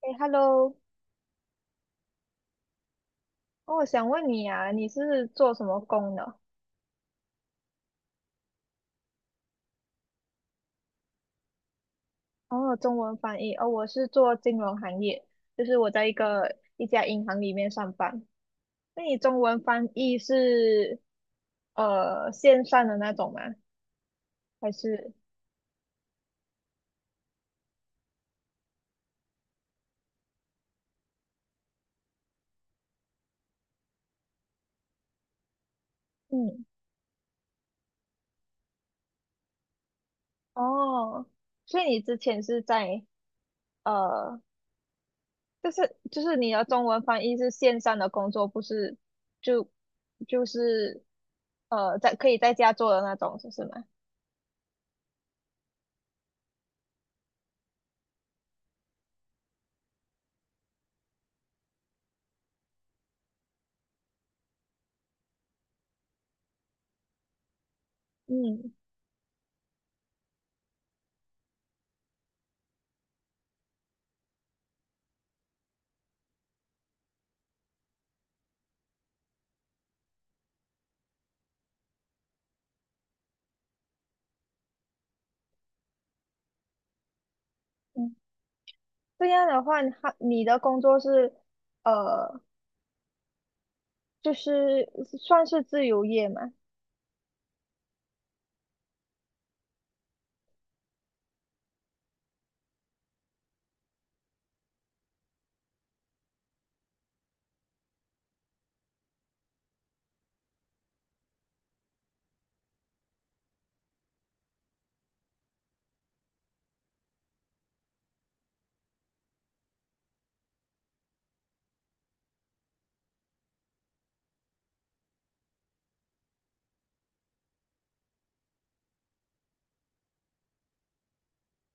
哎，Hello，哦，我想问你啊，你是做什么工的？哦，中文翻译，哦，我是做金融行业，就是我在一家银行里面上班。那你中文翻译是线上的那种吗？还是嗯，哦，所以你之前是在呃，就是你的中文翻译是线上的工作，不是就就是在可以在家做的那种，是吗？嗯。这样的话，你的工作是，呃，就是算是自由业嘛，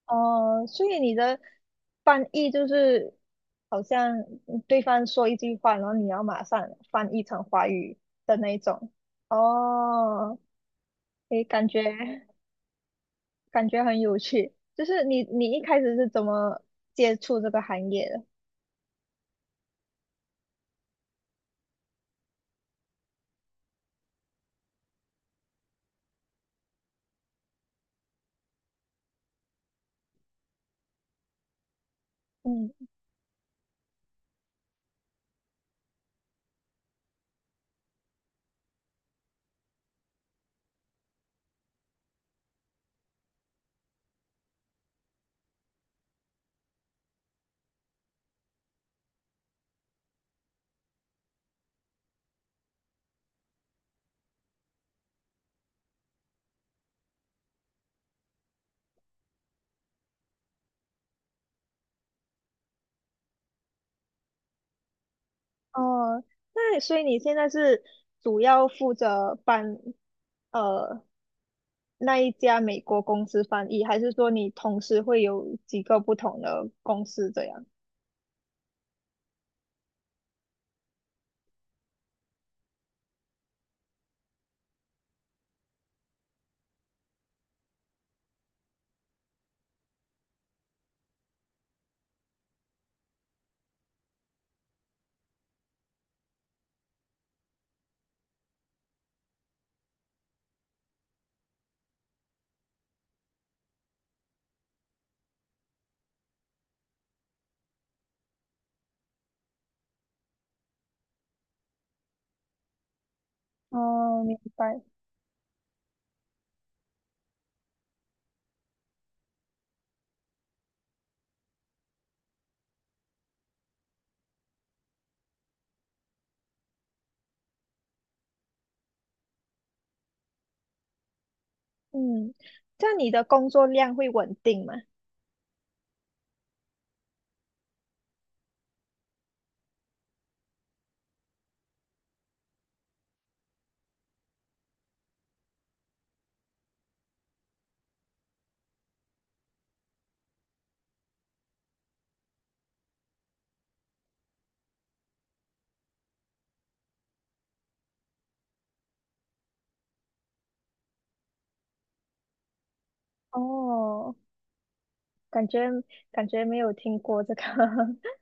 哦、所以你的翻译就是好像对方说一句话，然后你要马上翻译成华语的那一种，哦，诶，感觉很有趣，就是你一开始是怎么接触这个行业的？嗯，哦，那所以你现在是主要负责帮呃那一家美国公司翻译，还是说你同时会有几个不同的公司这样？哦，明白。嗯，这样你的工作量会稳定吗？哦，感觉没有听过这个。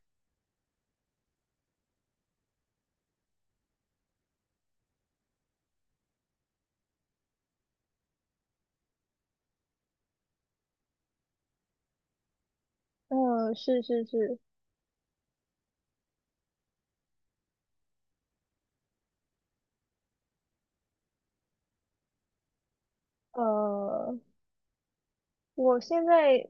嗯，是是是，呃，我现在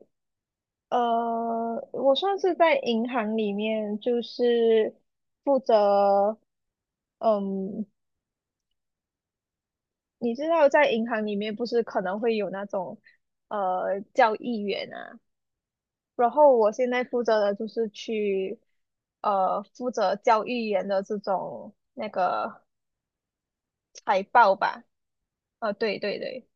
我算是在银行里面，就是负责嗯你知道在银行里面不是可能会有那种交易员啊，然后我现在负责的就是去负责交易员的这种那个财报吧，对对对，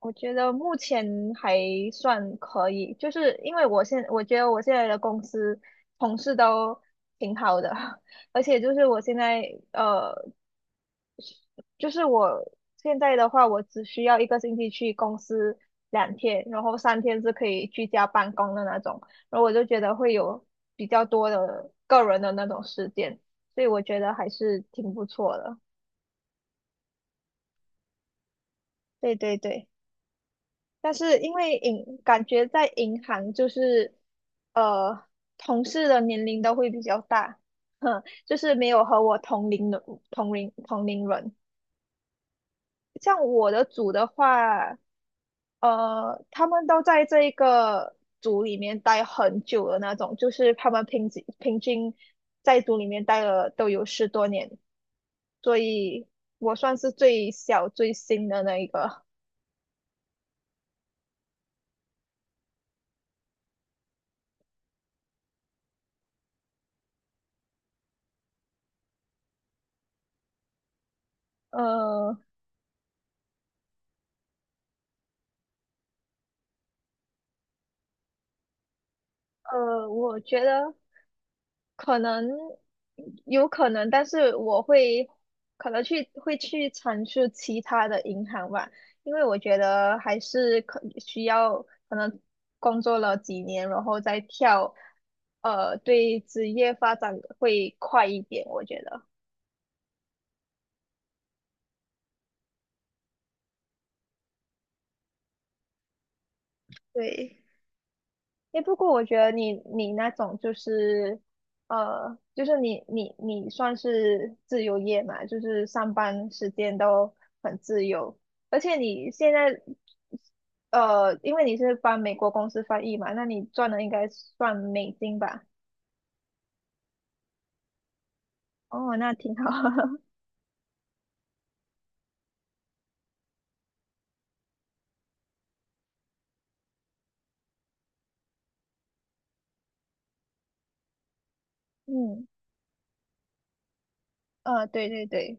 我觉得目前还算可以，就是因为我觉得我现在的公司同事都挺好的，而且就是我现在呃就是我现在的话，我只需要一个星期去公司两天，然后三天是可以居家办公的那种，然后我就觉得会有比较多的个人的那种时间，所以我觉得还是挺不错的。对对对，但是因为感觉在银行就是呃同事的年龄都会比较大，哼，就是没有和我同龄的同龄人。像我的组的话。呃，他们都在这一个组里面待很久的那种，就是他们平均在组里面待了都有十多年，所以我算是最小最新的那一个。呃我觉得可能有可能，但是我会可能会去尝试其他的银行吧，因为我觉得还是可需要可能工作了几年，然后再跳，呃，对职业发展会快一点，我觉得，对。诶，不过我觉得你那种就是，就是你你算是自由业嘛，就是上班时间都很自由，而且你现在，呃，因为你是帮美国公司翻译嘛，那你赚的应该算美金吧？哦，那挺好。嗯，对对对，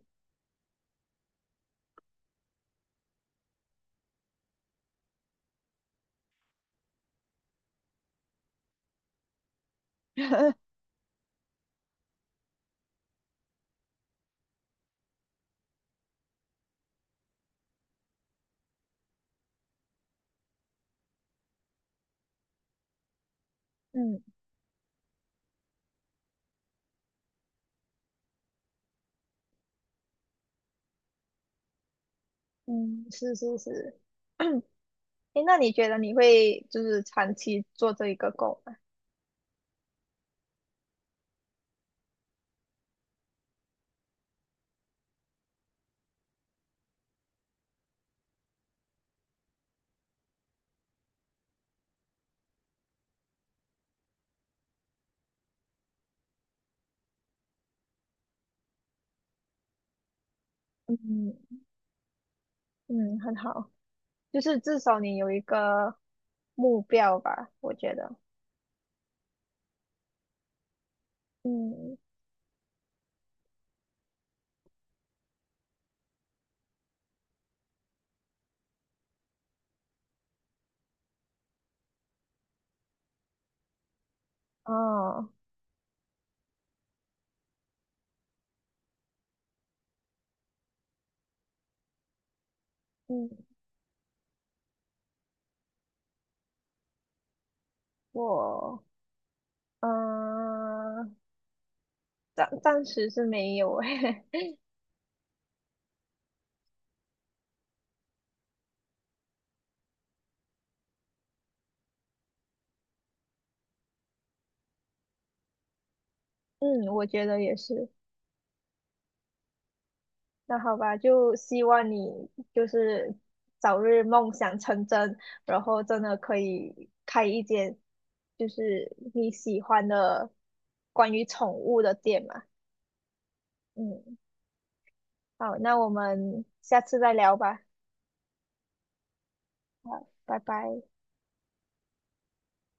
嗯嗯，是是是。诶，那你觉得你会就是长期做这一个工吗？嗯嗯，很好。就是至少你有一个目标吧，我觉得。嗯，啊，嗯，我，嗯、呃暂时是没有诶。嗯，我觉得也是。那好吧，就希望你就是早日梦想成真，然后真的可以开一间就是你喜欢的关于宠物的店嘛。嗯，好，那我们下次再聊吧。好，拜拜。